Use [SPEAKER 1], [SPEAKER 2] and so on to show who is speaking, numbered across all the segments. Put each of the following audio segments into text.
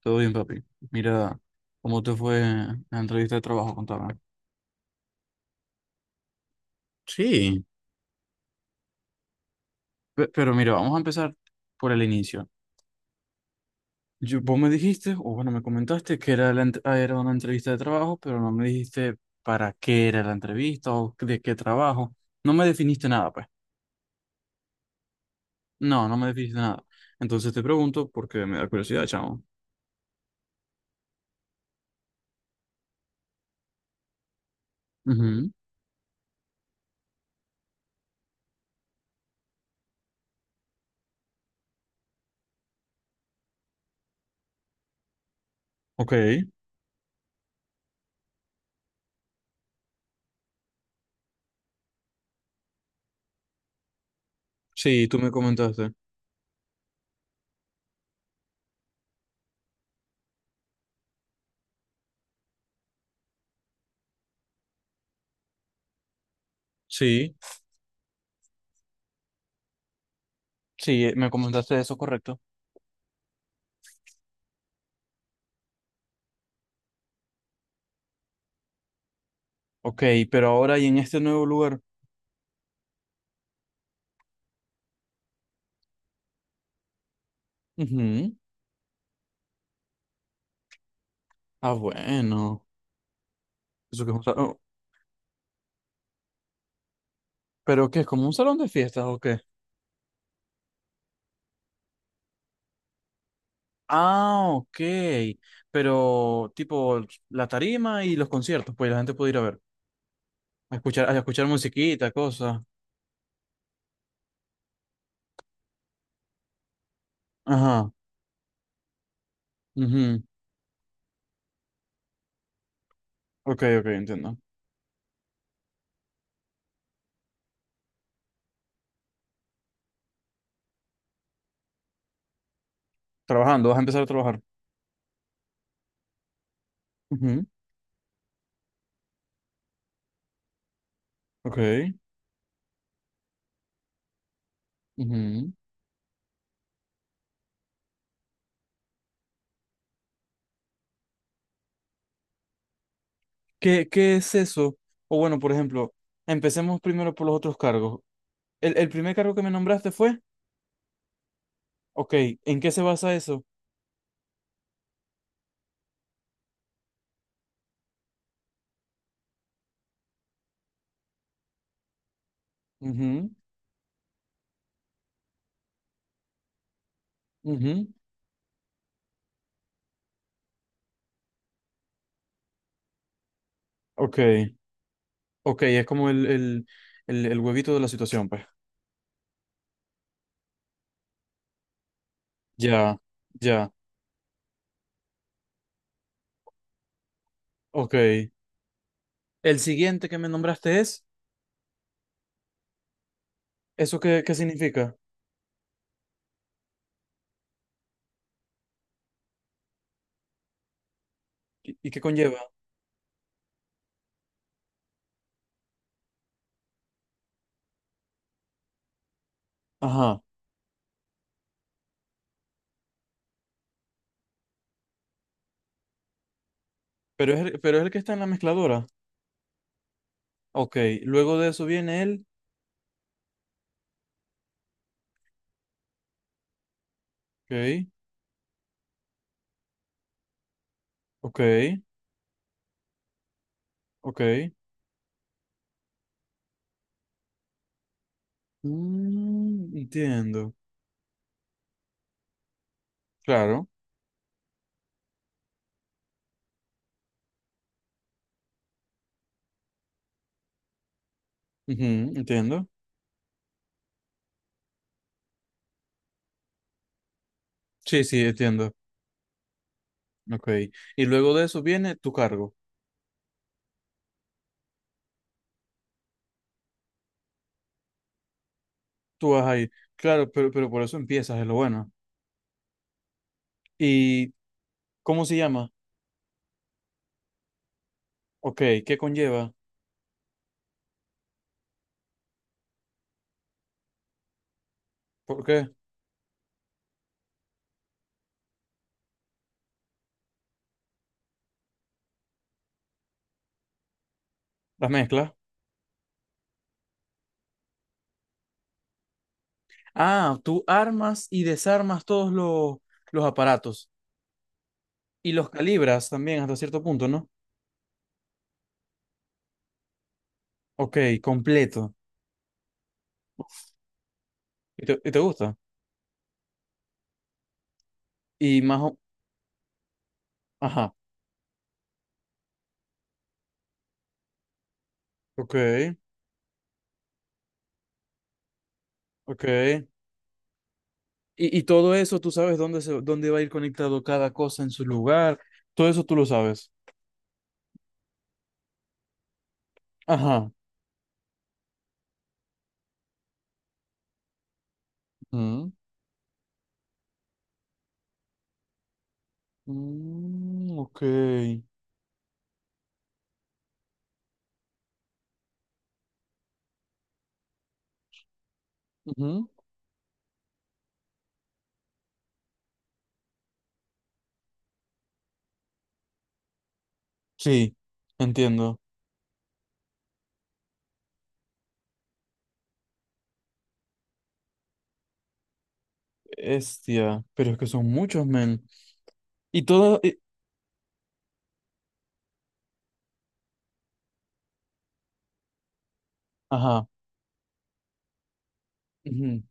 [SPEAKER 1] Todo bien, papi. Mira, ¿cómo te fue en la entrevista de trabajo? Contame. Sí. Pero mira, vamos a empezar por el inicio. Vos me dijiste, o bueno, me comentaste que era, era una entrevista de trabajo, pero no me dijiste para qué era la entrevista o de qué trabajo. No me definiste nada, pues. No, no me definiste nada. Entonces te pregunto porque me da curiosidad, chamo. Ujú. Ok. Sí, tú me comentaste. Sí, sí, me comentaste eso, correcto. Ok, pero ahora y en este nuevo lugar. Ujú. Ah, bueno. Eso que es un salón. ¿Pero qué? ¿Es como un salón de fiestas o qué? Ah, ok. Pero tipo la tarima y los conciertos, pues la gente puede ir a ver, a escuchar musiquita, cosas. Ajá. Mhm. Ok, ok, entiendo. Trabajando, vas a empezar a trabajar. Ujú. Ok. Ujú. ¿Qué, qué es eso? O bueno, por ejemplo, empecemos primero por los otros cargos. El primer cargo que me nombraste fue, ok, ¿en qué se basa eso? Mhm. Mhm. Ok. Ok, es como el huevito de la situación, pues. Ya, ya. Ok. El siguiente que me nombraste es, ¿eso qué, qué significa? Y qué conlleva? Ajá. Pero es, pero es el que está en la mezcladora. Ok. Luego de eso viene el. Ok, ok, ok. Mm, entiendo. Claro. Ujú, entiendo. Sí, sí, entiendo. Ok. Y luego de eso viene tu cargo. Tú vas ahí. Claro, pero por eso empiezas, es lo bueno. ¿Y cómo se llama? Ok, ¿qué conlleva? ¿Por qué? ¿Las mezclas? Ah, tú armas y desarmas todos los aparatos y los calibras también hasta cierto punto, ¿no? Ok, completo. Y te gusta? Y más o... Ajá. Ok, ok. Y todo eso, tú sabes dónde, se, dónde va a ir conectado cada cosa en su lugar. Todo eso tú lo sabes. Ajá. Mm, mm, ok. Ujú. Sí, entiendo. Estia, pero es que son muchos, men. Y todo, ajá. Ujú,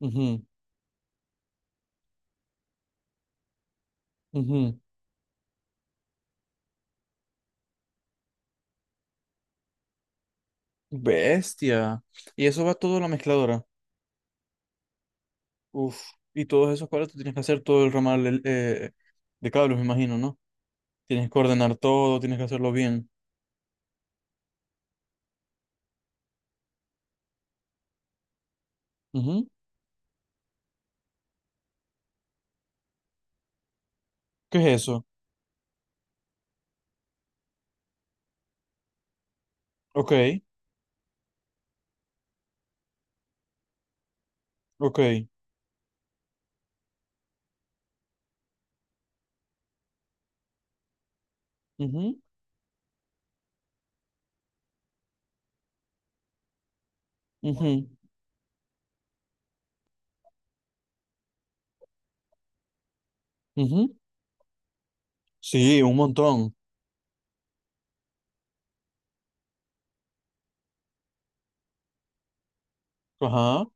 [SPEAKER 1] ujú, ujú. Bestia. Y eso va todo a la mezcladora. Uf. Y todos esos cuadros tú tienes que hacer todo el ramal de cables, me imagino, ¿no? Tienes que ordenar todo, tienes que hacerlo bien. Ujú. ¿Qué es eso? Ok, ok. Ujú, ujú, ujú. Sí, un montón. Ajá.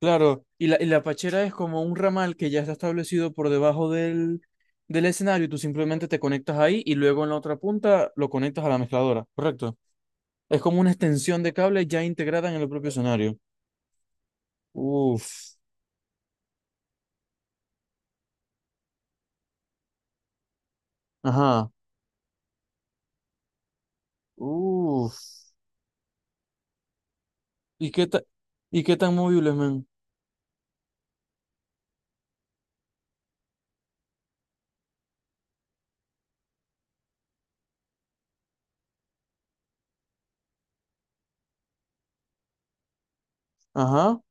[SPEAKER 1] Claro. Y la pachera es como un ramal que ya está establecido por debajo del escenario y tú simplemente te conectas ahí y luego en la otra punta lo conectas a la mezcladora, ¿correcto? Es como una extensión de cable ya integrada en el propio escenario. Uf. Ajá. Uf. ¿Y qué ta- ¿Y qué tan móviles, men? Ajá.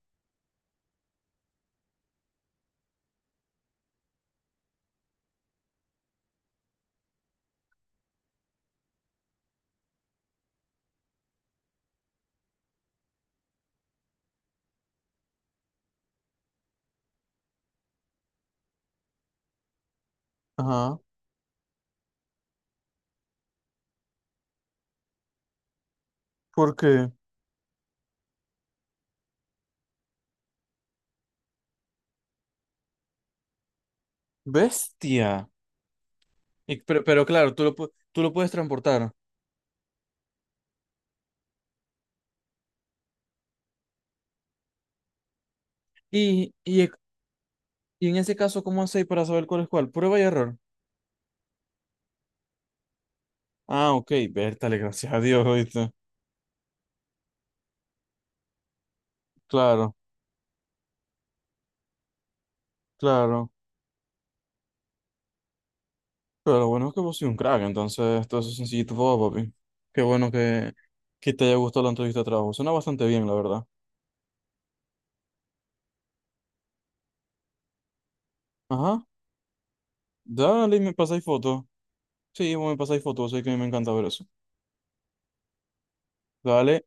[SPEAKER 1] Ajá. ¿Por qué? Bestia. Y, pero claro, tú lo puedes transportar. Y, y, e- y en ese caso, ¿cómo hacéis para saber cuál es cuál? Prueba y error. Ah, ok. Vértale, gracias a Dios, ¿oíste? Claro, claro. Pero lo bueno es que vos sois un crack, entonces todo eso es sencillito, todo, papi. Qué bueno que te haya gustado la entrevista de trabajo. Suena bastante bien, la verdad. Ajá, dale, me pasáis fotos. Sí, vos me pasáis fotos, sé que a mí me encanta ver eso. Dale,